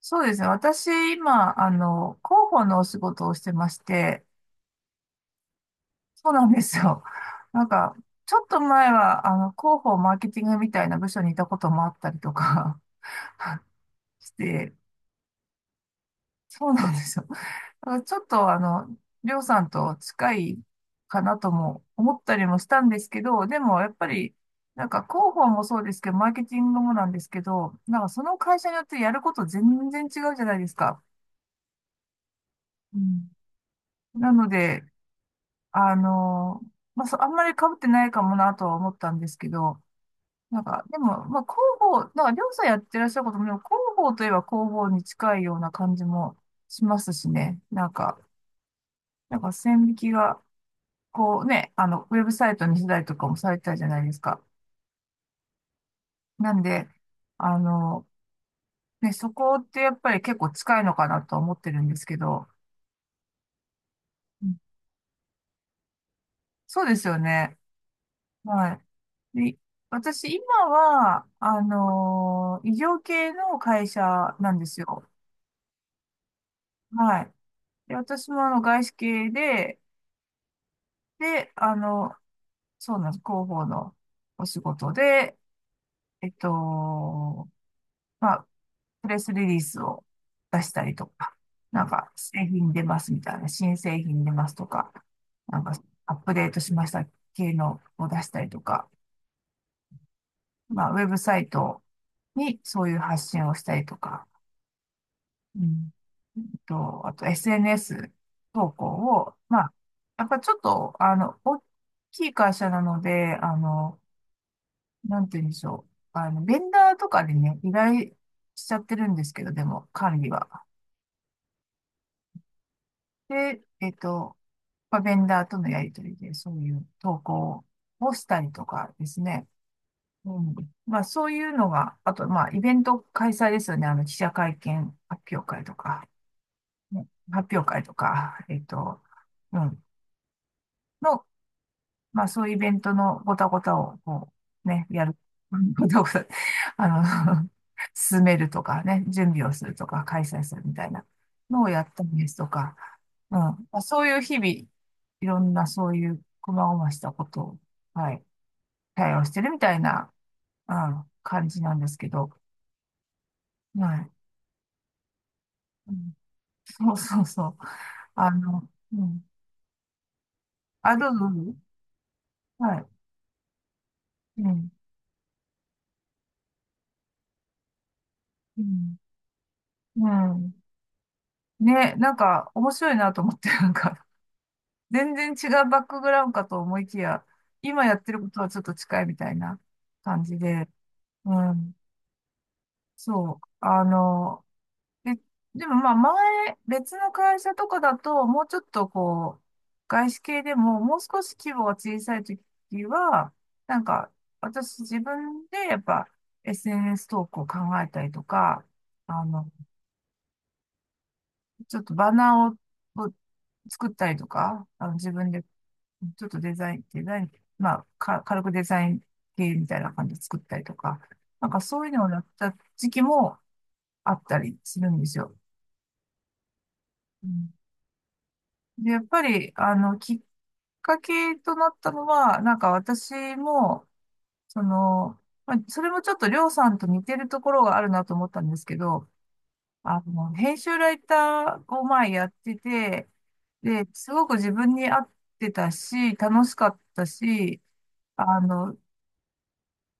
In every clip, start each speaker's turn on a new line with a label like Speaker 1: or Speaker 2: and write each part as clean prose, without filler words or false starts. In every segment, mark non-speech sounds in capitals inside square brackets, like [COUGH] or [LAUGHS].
Speaker 1: そうですね。私、今、広報のお仕事をしてまして、そうなんですよ。[LAUGHS] なんか、ちょっと前は、広報マーケティングみたいな部署にいたこともあったりとか [LAUGHS] して、そうなんですよ。だからちょっと、りょうさんと近いかなとも思ったりもしたんですけど、でも、やっぱり、なんか、広報もそうですけど、マーケティングもなんですけど、なんか、その会社によってやること全然違うじゃないですか。うん、なので、あの、まあ、そう、あんまり被ってないかもなとは思ったんですけど、なんか、でも、まあ、広報、なんか、りょうさんやってらっしゃることも、でも広報といえば広報に近いような感じもしますしね。なんか、なんか線引きが、こうね、ウェブサイトにしたりとかもされてたじゃないですか。なんで、あの、ね、そこってやっぱり結構近いのかなとは思ってるんですけど、うん、そうですよね。はい。で、私、今は、医療系の会社なんですよ。はい。で、私もあの外資系で、で、そうなんです。広報のお仕事で、えっと、まあ、プレスリリースを出したりとか、なんか、製品出ますみたいな、新製品出ますとか、なんか、アップデートしました系のを出したりとか、まあ、ウェブサイトにそういう発信をしたりとか、うん、と、あと SNS 投稿を、まあ、やっぱちょっと、大きい会社なので、なんて言うんでしょう。ベンダーとかでね、依頼しちゃってるんですけど、でも、管理は。で、まあ、ベンダーとのやりとりで、そういう投稿をしたりとかですね。うん。まあ、そういうのが、あと、まあ、イベント開催ですよね。記者会見発表会とか、ね、発表会とか、うん。の、まあそういうイベントのごたごたを、こう、ね、やる。[LAUGHS] ごたごた、あの、[LAUGHS] 進めるとかね、準備をするとか、開催するみたいなのをやったりですとか、うん。まあ、そういう日々、いろんなそういう細々したことを、はい、対応してるみたいな、うん、感じなんですけど、はい。うん、そうそうそう。あの、うん。あ、どうぞ。どうぞ、はい。うん。うん。うん。ね、なんか面白いなと思って、なんか全然違うバックグラウンドかと思いきや、今やってることはちょっと近いみたいな感じで、うん、そう、で、でもまあ前、別の会社とかだと、もうちょっとこう、外資系でも、もう少し規模が小さい時は、なんか私自分でやっぱ SNS 投稿を考えたりとか、あの、ちょっとバナーを作ったりとか、あの自分でちょっとデザイン、デザイン、まあ、か、軽くデザイン系みたいな感じで作ったりとか、なんかそういうのをやった時期もあったりするんですよ。うん、で、やっぱり、きっかけとなったのは、なんか私も、その、まあ、それもちょっとりょうさんと似てるところがあるなと思ったんですけど、編集ライターを前やってて、で、すごく自分に合ってたし、楽しかったし、あの、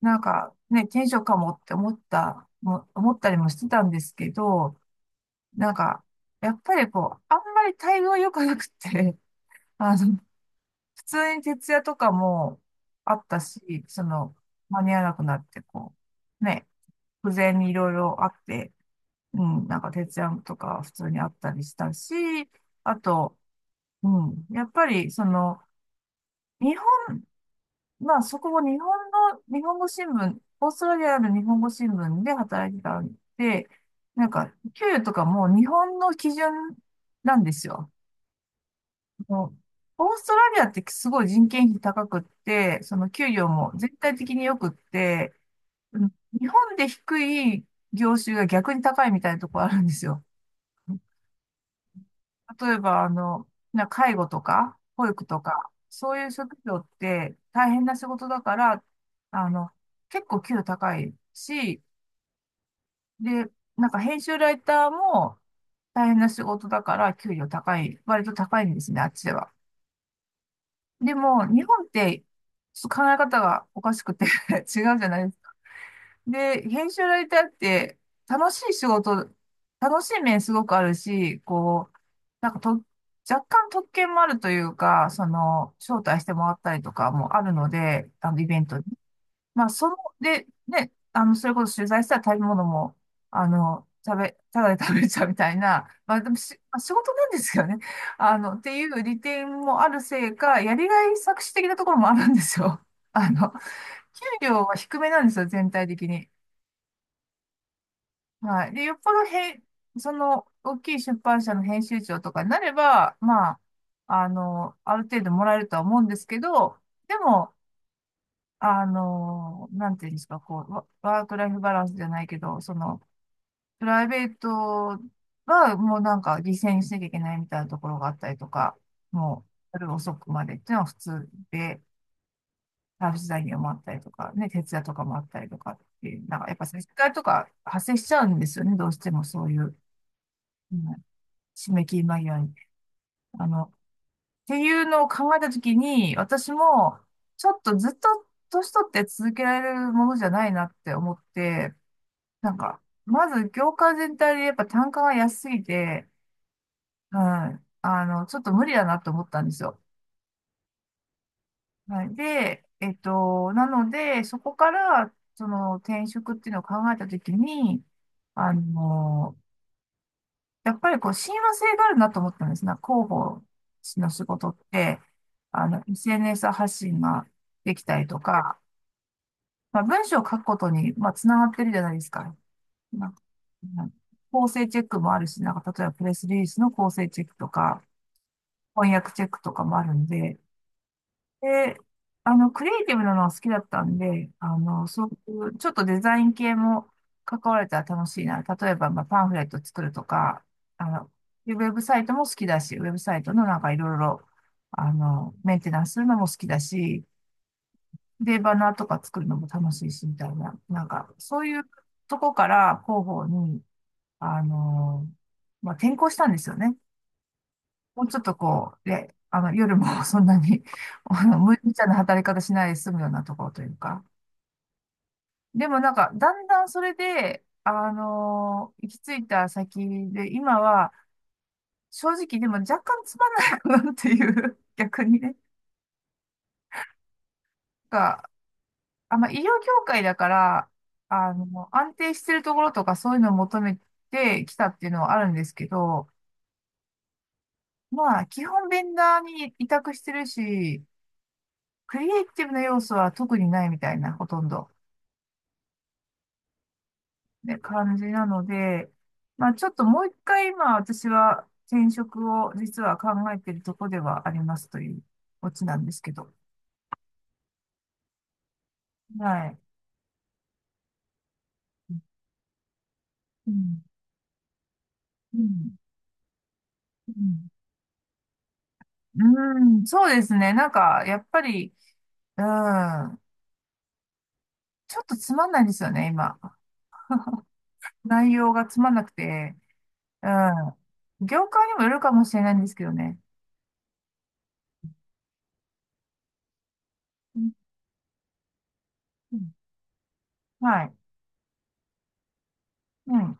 Speaker 1: なんかね、転職かもって思った、も思ったりもしてたんですけど、なんか、やっぱりこう、あんまり待遇は良くなくて、[LAUGHS] あの、普通に徹夜とかもあったし、その、間に合わなくなって、こう、ね、不全にいろいろあって、うん、なんか徹夜とか普通にあったりしたし、あと、うん、やっぱり、その、日まあ、そこも日本の、日本語新聞、オーストラリアの日本語新聞で働いてたんで、なんか、給与とかも日本の基準なんですよ。もうオーストラリアってすごい人件費高くって、その給料も全体的に良くって、うん、日本で低い業種が逆に高いみたいなとこあるんですよ。例えば、介護とか、保育とか、そういう職業って大変な仕事だから、あの、結構給料高いし、で、なんか編集ライターも大変な仕事だから給料高い、割と高いんですね、あっちでは。でも、日本って、ちょっと考え方がおかしくて [LAUGHS] 違うじゃないです。で、編集ライターって楽しい仕事、楽しい面すごくあるし、こう、なんかと、若干特権もあるというか、その、招待してもらったりとかもあるので、イベントに。まあ、その、で、ね、それこそ取材したら食べ物も、ただで食べちゃうみたいな、まあ、でもし、まあ、仕事なんですよね。っていう利点もあるせいか、やりがい搾取的なところもあるんですよ。あの、給料は低めなんですよ、全体的に。はい。で、よっぽどへ、その、大きい出版社の編集長とかになれば、まあ、ある程度もらえるとは思うんですけど、でも、なんていうんですか、こう、ワークライフバランスじゃないけど、その、プライベートはもうなんか犠牲にしなきゃいけないみたいなところがあったりとか、もう、夜遅くまでっていうのは普通で、サービス残業もあったりとか、ね、徹夜とかもあったりとかっていう、なんかやっぱ接待とか発生しちゃうんですよね、どうしてもそういう。うん、締め切り間際に。っていうのを考えたときに、私も、ちょっとずっと年取って続けられるものじゃないなって思って、なんか、まず業界全体でやっぱ単価が安すぎて、うん、ちょっと無理だなと思ったんですよ。はい、で、なので、そこから、その転職っていうのを考えたときに、あの、やっぱりこう、親和性があるなと思ったんですね。広報の仕事って、SNS 発信ができたりとか、まあ、文章を書くことに、まあ、つながってるじゃないですか。なんか、うん、構成チェックもあるし、なんか、例えばプレスリリースの構成チェックとか、翻訳チェックとかもあるんで、で、クリエイティブなのは好きだったんで、そういう、ちょっとデザイン系も関われたら楽しいな。例えば、まあ、パンフレット作るとか、あの、ウェブサイトも好きだし、ウェブサイトのなんかいろいろ、メンテナンスするのも好きだし、で、バナーとか作るのも楽しいし、みたいな、なんか、そういうとこから広報に、あの、まあ、転向したんですよね。もうちょっとこう、で、夜も [LAUGHS] そんなに、無理ちゃんな働き方しないで済むようなところというか。でもなんか、だんだんそれで、行き着いた先で、今は、正直でも若干つまんないなっていう、[LAUGHS] 逆にね。なんか、あんま医療業界だから、安定してるところとかそういうのを求めてきたっていうのはあるんですけど、まあ、基本ベンダーに委託してるし、クリエイティブな要素は特にないみたいな、ほとんど。ね、感じなので、まあちょっともう一回今私は転職を実は考えているところではありますというオチなんですけど。はい。うん。うん。うん、うん、そうですね。なんか、やっぱり、うん、ちょっとつまんないですよね、今。内容がつまんなくて、うん。業界にもよるかもしれないんですけどね。うん、うん、はい。うん。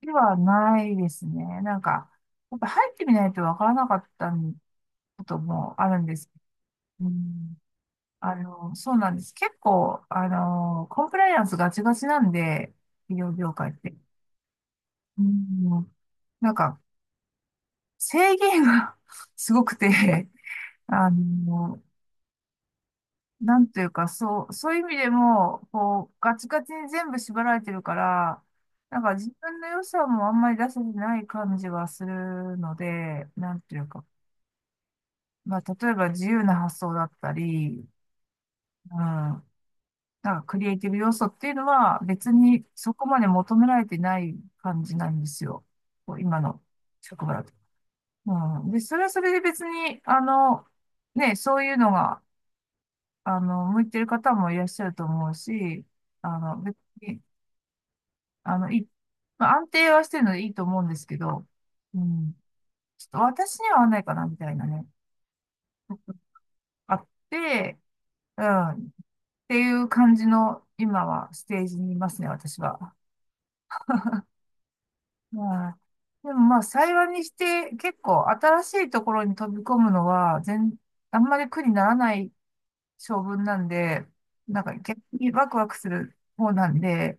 Speaker 1: ではないですね。なんか、やっぱ入ってみないとわからなかったんこともあるんです。うん、そうなんです。結構、コンプライアンスガチガチなんで、医療業界って。うん、なんか、制限が [LAUGHS] すごくて、あの、なんというか、そう、そういう意味でも、こう、ガチガチに全部縛られてるから、なんか自分の良さもあんまり出せてない感じはするので、なんというか、まあ、例えば自由な発想だったり、うん。なんかクリエイティブ要素っていうのは別にそこまで求められてない感じなんですよ。こう今の職場だと。うん。で、それはそれで別に、ね、そういうのが、向いてる方もいらっしゃると思うし、あの、別に、あの、いい、まあ、安定はしてるのでいいと思うんですけど、うん。ちょっと私には合わないかな、みたいなね。あって、うん。っていう感じの、今はステージにいますね、私は。まあ、でもまあ、幸いにして結構新しいところに飛び込むのはあんまり苦にならない性分なんで、なんか逆にワクワクする方なんで、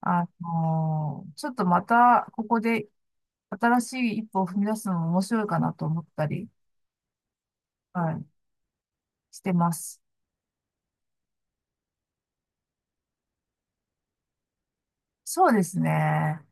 Speaker 1: ちょっとまたここで新しい一歩を踏み出すのも面白いかなと思ったり、はい、してます。そうですね。